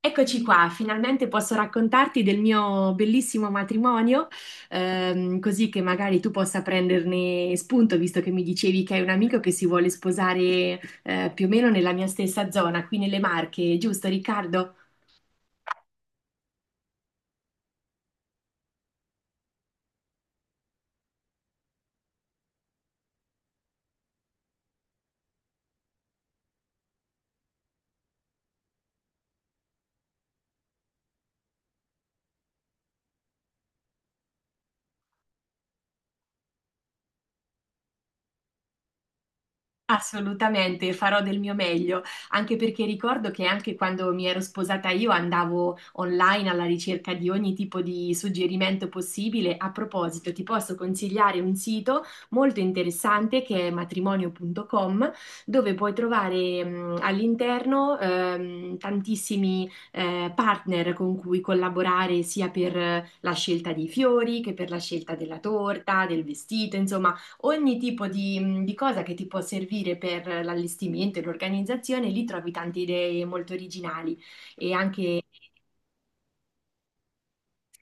Eccoci qua, finalmente posso raccontarti del mio bellissimo matrimonio, così che magari tu possa prenderne spunto, visto che mi dicevi che hai un amico che si vuole sposare, più o meno nella mia stessa zona, qui nelle Marche, giusto Riccardo? Assolutamente, farò del mio meglio, anche perché ricordo che anche quando mi ero sposata io andavo online alla ricerca di ogni tipo di suggerimento possibile. A proposito, ti posso consigliare un sito molto interessante che è matrimonio.com, dove puoi trovare all'interno tantissimi partner con cui collaborare sia per la scelta dei fiori che per la scelta della torta, del vestito, insomma ogni tipo di, di cosa che ti può servire per l'allestimento e l'organizzazione. Lì trovi tante idee molto originali e anche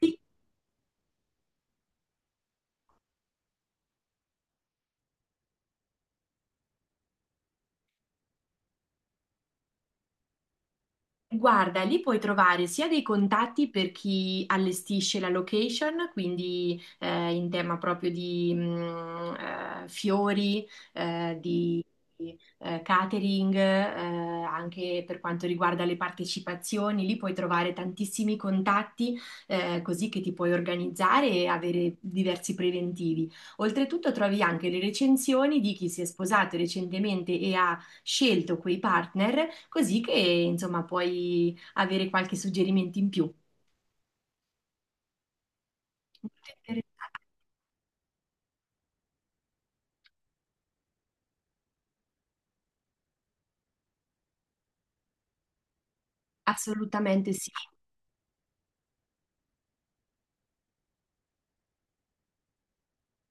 sì. Guarda, lì puoi trovare sia dei contatti per chi allestisce la location, quindi in tema proprio di fiori, di catering, anche per quanto riguarda le partecipazioni, lì puoi trovare tantissimi contatti così che ti puoi organizzare e avere diversi preventivi. Oltretutto trovi anche le recensioni di chi si è sposato recentemente e ha scelto quei partner, così che insomma puoi avere qualche suggerimento in più. Molto interessante. Assolutamente sì.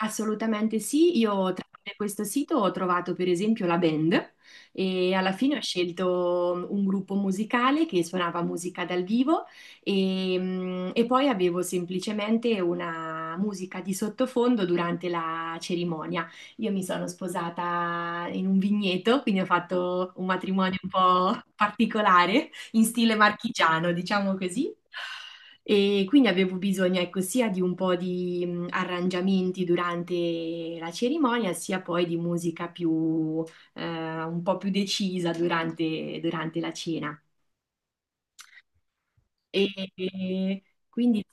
Assolutamente sì, io tramite questo sito ho trovato per esempio la band e alla fine ho scelto un gruppo musicale che suonava musica dal vivo e, e poi avevo semplicemente una musica di sottofondo durante la cerimonia. Io mi sono sposata in un vigneto, quindi ho fatto un matrimonio un po' particolare in stile marchigiano, diciamo così. E quindi avevo bisogno, ecco, sia di un po' di arrangiamenti durante la cerimonia, sia poi di musica più, un po' più decisa durante, la cena. E, e quindi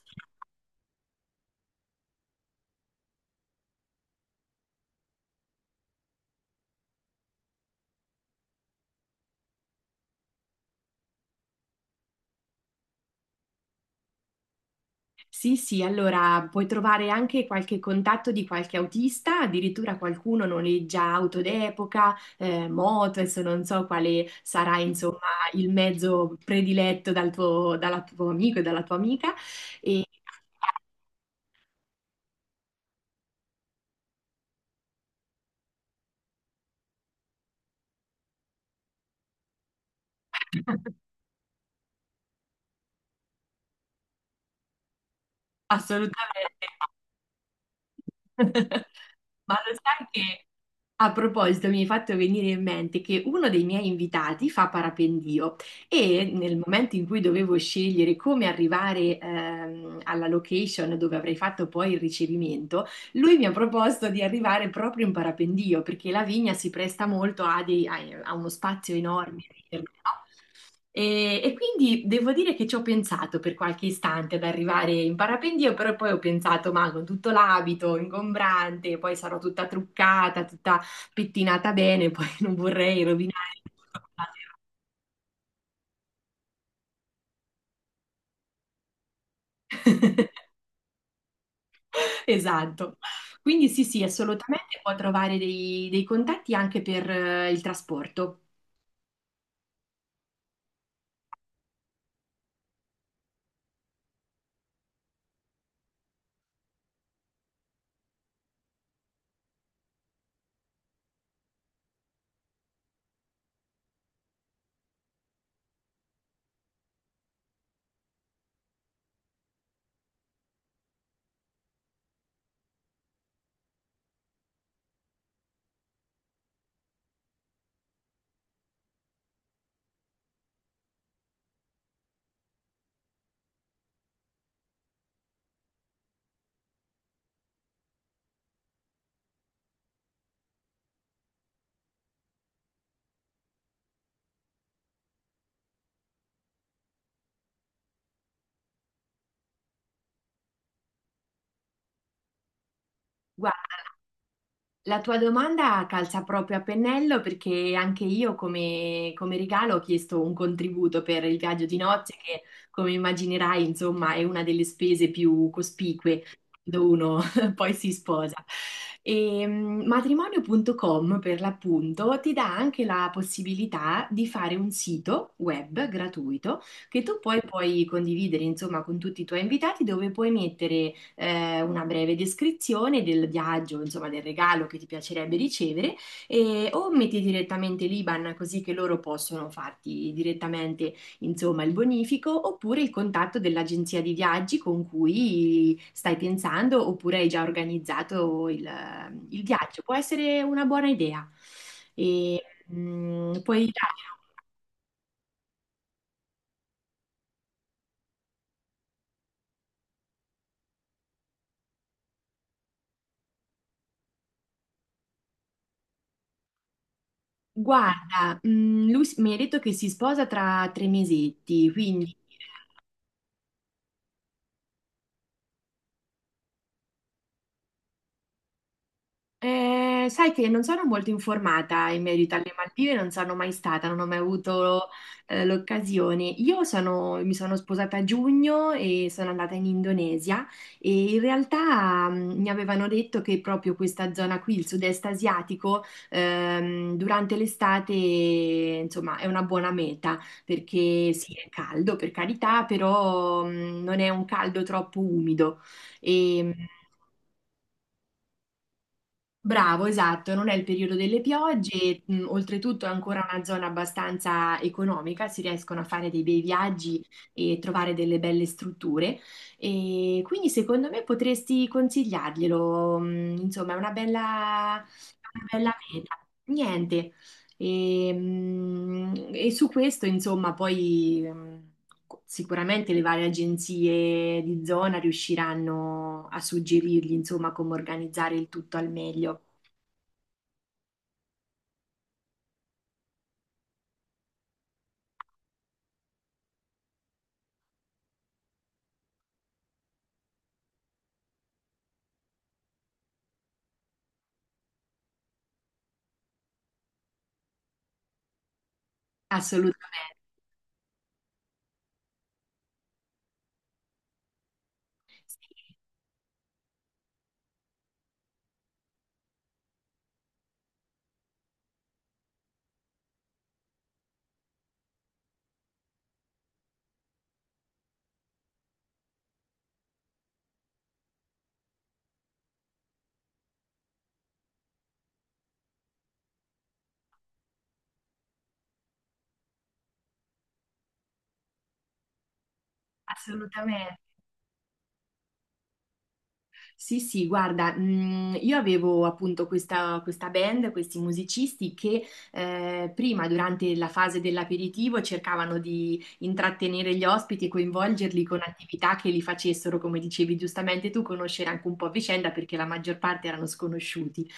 sì, sì, allora puoi trovare anche qualche contatto di qualche autista, addirittura qualcuno noleggia auto d'epoca, moto, adesso non so quale sarà, insomma, il mezzo prediletto dal tuo, dalla tuo amico e dalla tua amica. E assolutamente. Ma lo sai che a proposito, mi hai fatto venire in mente che uno dei miei invitati fa parapendio e nel momento in cui dovevo scegliere come arrivare alla location dove avrei fatto poi il ricevimento, lui mi ha proposto di arrivare proprio in parapendio perché la vigna si presta molto a, a uno spazio enorme all'interno, no? E quindi devo dire che ci ho pensato per qualche istante ad arrivare in parapendio, però poi ho pensato, ma con tutto l'abito ingombrante, poi sarò tutta truccata, pettinata bene, poi non vorrei rovinare tutto. Esatto. Quindi sì, sì, assolutamente può trovare dei, dei contatti anche per il trasporto. Guarda, la tua domanda calza proprio a pennello perché anche io come, come regalo ho chiesto un contributo per il viaggio di nozze che, come immaginerai, insomma, è una delle spese più cospicue quando uno poi si sposa. E, matrimonio.com per l'appunto ti dà anche la possibilità di fare un sito web gratuito che tu poi puoi condividere, insomma, con tutti i tuoi invitati, dove puoi mettere una breve descrizione del viaggio, insomma del regalo che ti piacerebbe ricevere e, o metti direttamente l'IBAN così che loro possono farti direttamente insomma il bonifico, oppure il contatto dell'agenzia di viaggi con cui stai pensando oppure hai già organizzato il viaggio. Può essere una buona idea. E, puoi dare. Guarda, lui s- mi ha detto che si sposa tra tre mesetti, quindi eh, sai che non sono molto informata in merito alle Maldive, non sono mai stata, non ho mai avuto l'occasione. Mi sono sposata a giugno e sono andata in Indonesia e in realtà mi avevano detto che proprio questa zona qui, il sud-est asiatico, durante l'estate, insomma, è una buona meta perché sì, è caldo per carità, però non è un caldo troppo umido. E, bravo, esatto, non è il periodo delle piogge, e, oltretutto è ancora una zona abbastanza economica, si riescono a fare dei bei viaggi e trovare delle belle strutture e quindi secondo me potresti consigliarglielo, insomma è una bella meta. Niente, e su questo insomma poi sicuramente le varie agenzie di zona riusciranno a suggerirgli insomma come organizzare il tutto al meglio. Assolutamente, sì, assolutamente. Sì, sì, guarda, io avevo appunto questa, questa band, questi musicisti che prima, durante la fase dell'aperitivo, cercavano di intrattenere gli ospiti e coinvolgerli con attività che li facessero, come dicevi giustamente tu, conoscere anche un po' a vicenda perché la maggior parte erano sconosciuti.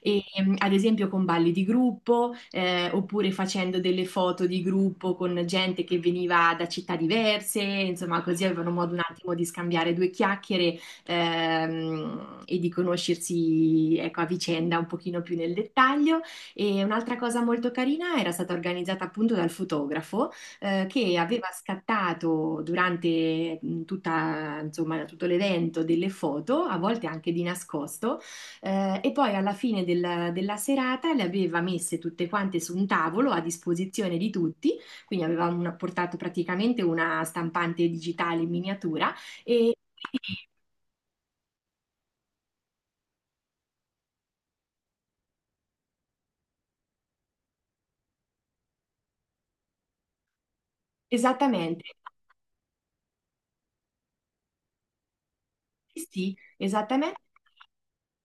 E, ad esempio con balli di gruppo, oppure facendo delle foto di gruppo con gente che veniva da città diverse, insomma, così avevano modo un attimo di scambiare due chiacchiere, e di conoscersi, ecco, a vicenda un pochino più nel dettaglio. E un'altra cosa molto carina era stata organizzata appunto dal fotografo che aveva scattato durante tutta, insomma, tutto l'evento delle foto, a volte anche di nascosto, e poi alla fine della serata le aveva messe tutte quante su un tavolo a disposizione di tutti, quindi aveva portato praticamente una stampante digitale in miniatura e esattamente, sì, esattamente,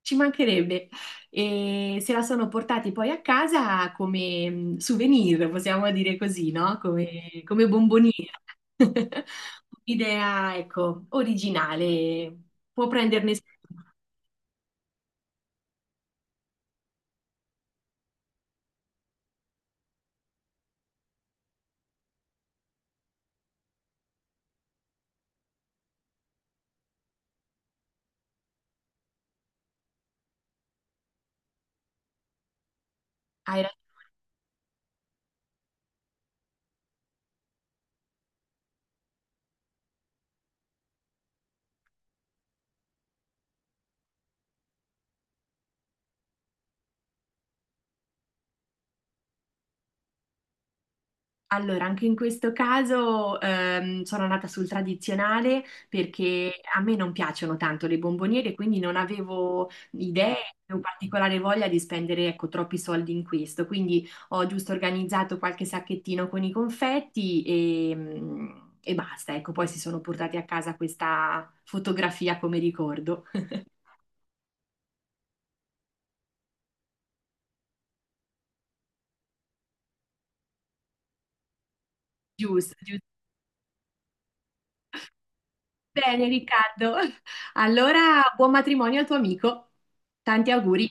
ci mancherebbe. E se la sono portati poi a casa come souvenir, possiamo dire così, no? Come, come bomboniera. Un'idea, ecco, originale, può prenderne spunto. Hai ragione. Allora, anche in questo caso sono andata sul tradizionale perché a me non piacciono tanto le bomboniere, quindi non avevo idee o particolare voglia di spendere, ecco, troppi soldi in questo. Quindi ho giusto organizzato qualche sacchettino con i confetti e, e basta. Ecco, poi si sono portati a casa questa fotografia come ricordo. Giusto, giusto. Bene, Riccardo. Allora, buon matrimonio al tuo amico. Tanti auguri.